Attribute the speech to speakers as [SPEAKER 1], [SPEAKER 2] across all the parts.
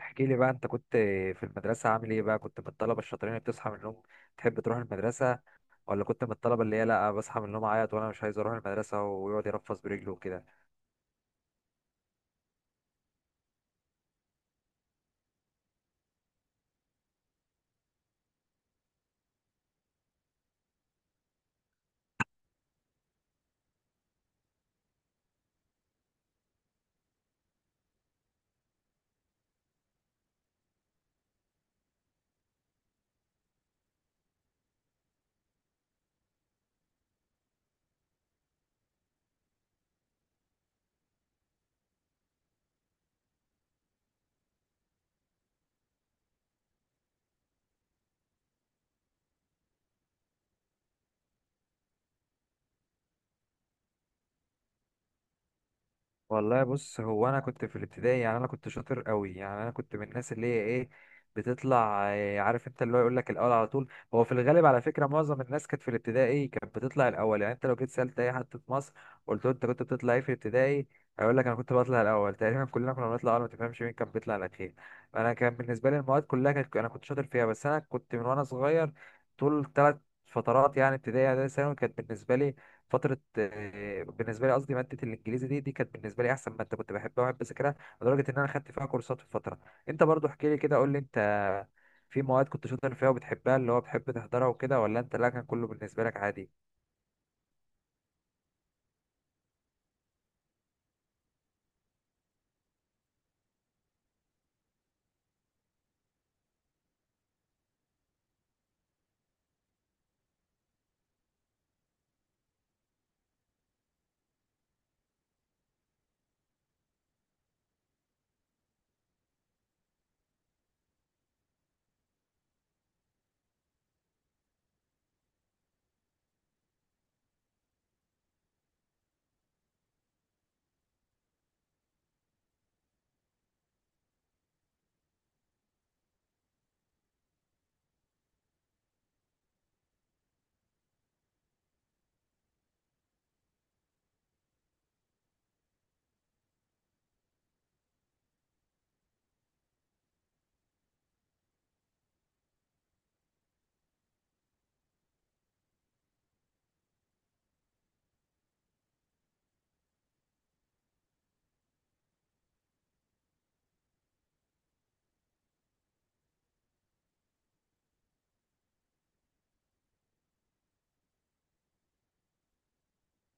[SPEAKER 1] احكي لي بقى، انت كنت في المدرسة عامل ايه بقى؟ كنت من الطلبة الشاطرين اللي بتصحى من النوم تحب تروح المدرسة، ولا كنت من الطلبة اللي هي لا بصحى من النوم اعيط وانا مش عايز اروح المدرسة ويقعد يرفس برجله وكده؟ والله بص، هو انا كنت في الابتدائي، يعني انا كنت شاطر قوي، يعني انا كنت من الناس اللي هي ايه بتطلع إيه، عارف انت اللي هو يقول لك الاول على طول. هو في الغالب على فكره معظم الناس كانت في الابتدائي كانت بتطلع الاول، يعني انت لو جيت سالت اي حد في مصر قلت له انت كنت بتطلع ايه في الابتدائي هيقول لك انا كنت بطلع الاول، تقريبا كلنا كنا بنطلع الاول، ما تفهمش مين كان بيطلع الاخير. انا كان بالنسبه لي المواد كلها كانت انا كنت شاطر فيها، بس انا كنت من وانا صغير طول ثلاث فترات، يعني ابتدائي اعدادي ثانوي، كانت بالنسبه لي فترة بالنسبة لي قصدي مادة الإنجليزي دي كانت بالنسبة لي أحسن مادة، كنت بحبها وأحب أذاكرها، لدرجة إن أنا خدت فيها كورسات في فترة. أنت برضو احكي لي كده، قول لي أنت في مواد كنت شاطر فيها وبتحبها اللي هو بتحب تحضرها وكده، ولا أنت لا كان كله بالنسبة لك عادي؟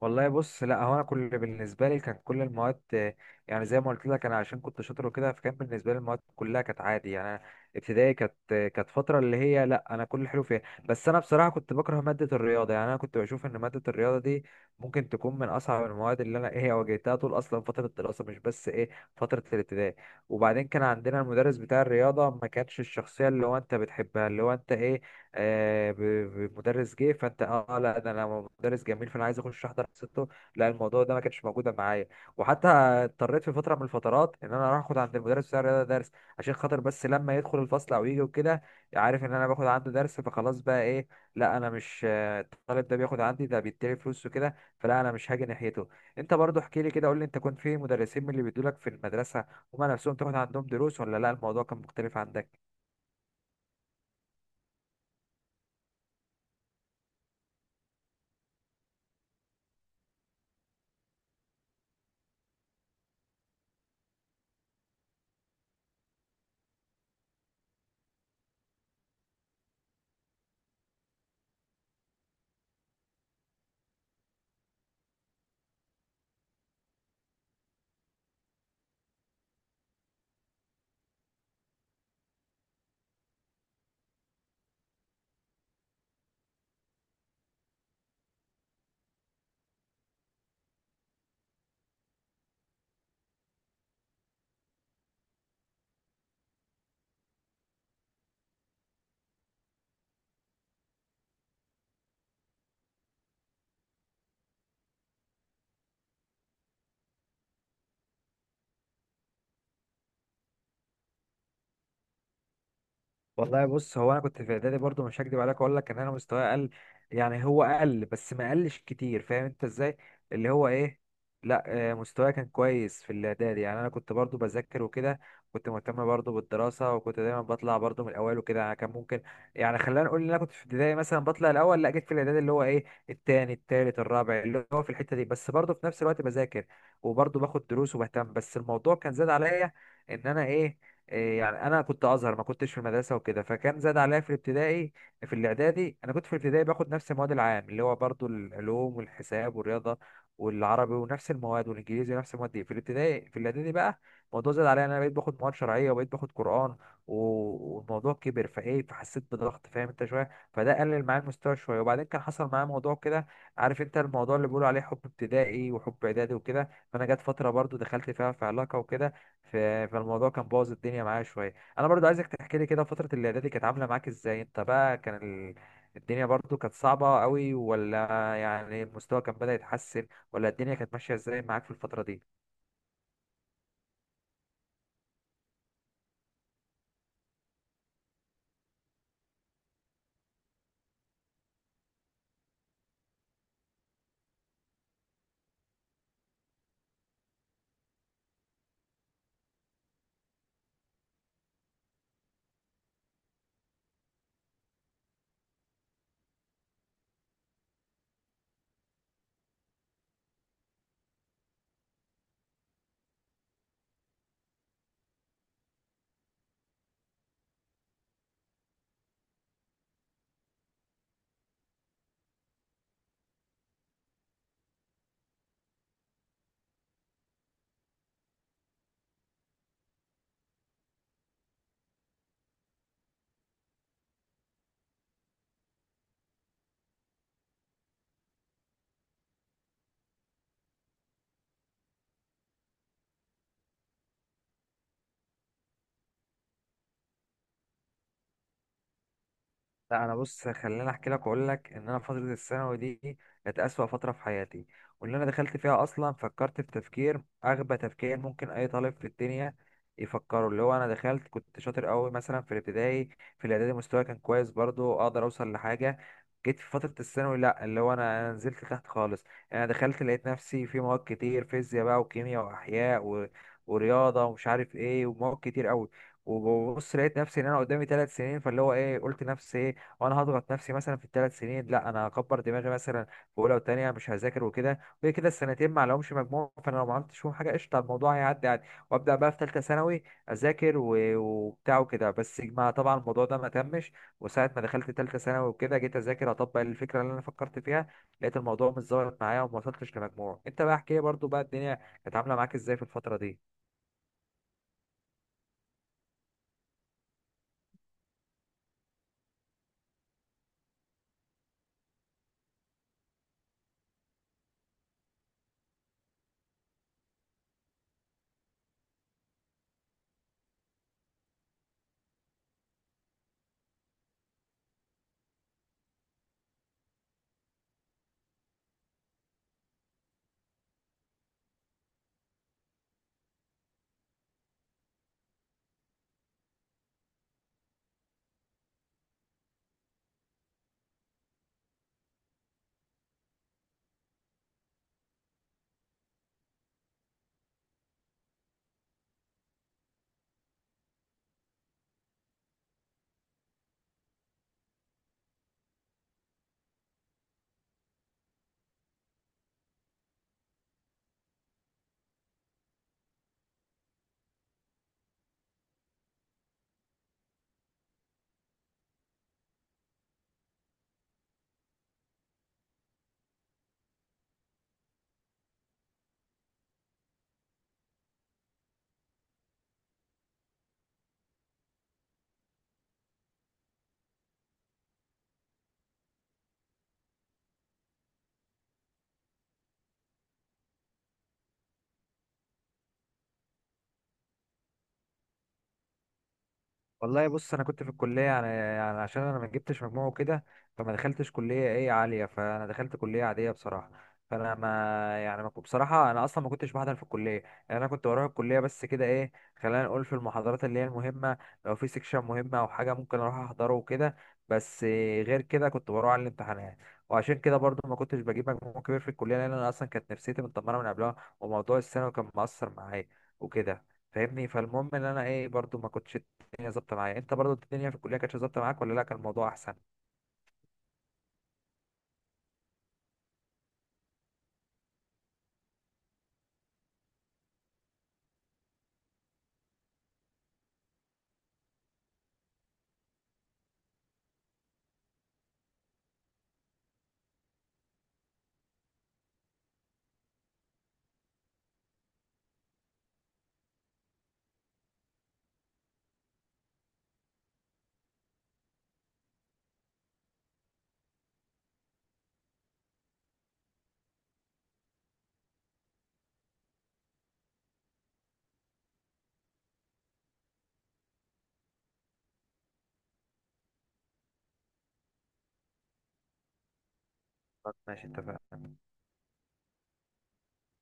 [SPEAKER 1] والله بص، لا هو انا كل بالنسبه لي كان كل المواد، يعني زي ما قلت لك، انا عشان كنت شاطر وكده فكان بالنسبه لي المواد كلها كانت عادي. يعني أنا ابتدائي كانت فتره اللي هي لا انا كل حلو فيها، بس انا بصراحه كنت بكره ماده الرياضه، يعني انا كنت بشوف ان ماده الرياضه دي ممكن تكون من اصعب المواد اللي انا ايه واجهتها طول اصلا فتره الدراسه، مش بس ايه فتره الابتدائي. وبعدين كان عندنا المدرس بتاع الرياضه، ما كانش الشخصيه اللي هو انت بتحبها، اللي هو انت ايه، آه، ب- مدرس جه فانت اه، لا ده انا مدرس جميل فانا عايز اخش احضر حصته. لا الموضوع ده ما كانش موجود معايا، وحتى اضطريت في فتره من الفترات ان انا اروح اخد عند المدرس بتاع الرياضه درس عشان خاطر بس لما يدخل الفصل او يجي وكده عارف ان انا باخد عنده درس فخلاص بقى ايه، لا انا مش، الطالب ده بياخد عندي ده بيديلي فلوس وكده فلا انا مش هاجي ناحيته. انت برضو احكي لي كده، قول لي انت كنت في مدرسين من اللي بيدولك في المدرسه هما نفسهم تاخد عندهم دروس، ولا لا الموضوع كان مختلف عندك؟ والله بص، هو انا كنت في اعدادي برضو، مش هكدب عليك اقول لك ان انا مستواي اقل، يعني هو اقل بس ما قلش كتير، فاهم انت ازاي اللي هو ايه. لا مستواي كان كويس في الاعدادي، يعني انا كنت برضو بذاكر وكده، كنت مهتم برضو بالدراسه، وكنت دايما بطلع برضو من الاوائل وكده. يعني كان ممكن، يعني خلينا نقول ان انا كنت في ابتدائي مثلا بطلع الاول، لا جيت في الاعدادي اللي هو ايه التاني التالت الرابع، اللي هو في الحته دي، بس برضو في نفس الوقت بذاكر وبرضو باخد دروس وبهتم، بس الموضوع كان زاد عليا ان انا ايه يعني انا كنت ازهر، ما كنتش في المدرسه وكده، فكان زاد عليا. في الابتدائي في الاعدادي انا كنت في الابتدائي باخد نفس المواد العام اللي هو برضو العلوم والحساب والرياضه والعربي ونفس المواد والانجليزي ونفس المواد دي، في الابتدائي. في الاعدادي بقى الموضوع زاد عليا، انا بقيت باخد مواد شرعيه وبقيت باخد قران، والموضوع كبر فايه فحسيت بضغط فاهم انت شويه، فده قلل معايا المستوى شويه. وبعدين كان حصل معايا موضوع كده، عارف انت الموضوع اللي بيقولوا عليه حب ابتدائي وحب اعدادي وكده، فانا جت فتره برضو دخلت فيها في علاقه وكده، ف- فالموضوع كان بوظ الدنيا معايا شويه. انا برضو عايزك تحكي لي كده فتره الاعدادي كانت عامله معاك ازاي انت بقى، كان ال... الدنيا برضو كانت صعبه قوي، ولا يعني المستوى كان بدأ يتحسن، ولا الدنيا كانت ماشيه ازاي معاك في الفتره دي؟ لا انا بص، خليني احكي لك واقول لك ان انا فتره الثانوي دي كانت اسوأ فتره في حياتي، وان انا دخلت فيها اصلا فكرت في تفكير اغبى تفكير ممكن اي طالب في الدنيا يفكره. اللي هو انا دخلت كنت شاطر قوي مثلا في الابتدائي، في الاعدادي مستواي كان كويس برضو اقدر اوصل لحاجه، جيت في فتره الثانوي لا اللي هو أنا نزلت تحت خالص. انا دخلت لقيت نفسي في مواد كتير، فيزياء بقى وكيمياء واحياء ورياضه ومش عارف ايه، ومواد كتير قوي، وببص لقيت نفسي ان انا قدامي 3 سنين، فاللي هو ايه قلت نفسي ايه، وانا هضغط نفسي مثلا في الثلاث سنين، لا انا هكبر دماغي مثلا في اولى وثانيه مش هذاكر وكده وكده كده، السنتين ما لهمش مجموع، فانا لو ما عملتش فيهم حاجه قشطه الموضوع هيعدي عادي، وابدا بقى في ثالثه ثانوي اذاكر وبتاع وكده. بس ما طبعا الموضوع ده ما تمش، وساعه ما دخلت ثالثه ثانوي وكده جيت اذاكر اطبق الفكره اللي انا فكرت فيها لقيت الموضوع مش ظابط معايا وما وصلتش لمجموع. انت بقى احكي لي برضو بقى، الدنيا كانت عامله معاك ازاي في الفتره دي؟ والله بص، انا كنت في الكليه، يعني عشان انا ما جبتش مجموع وكده فما دخلتش كليه ايه عاليه، فانا دخلت كليه عاديه بصراحه. فانا ما يعني ما كنت- بصراحه انا اصلا ما كنتش بحضر في الكليه، يعني انا كنت بروح الكليه بس كده ايه، خلينا نقول في المحاضرات اللي هي المهمه، لو في سيكشن مهم او حاجه ممكن اروح احضره وكده، بس غير كده كنت بروح على الامتحانات. وعشان كده برضو ما كنتش بجيب مجموع كبير في الكليه، لان انا اصلا كانت نفسيتي متدمره من قبلها وموضوع الثانوي كان مأثر معايا وكده، فاهمني. فالمهم ان انا ايه برضو ما كنتش الدنيا ظابطه معايا. انت برضو الدنيا في الكليه كانت ظابطه معاك، ولا لا كان الموضوع احسن؟ ماشي، اتفقنا.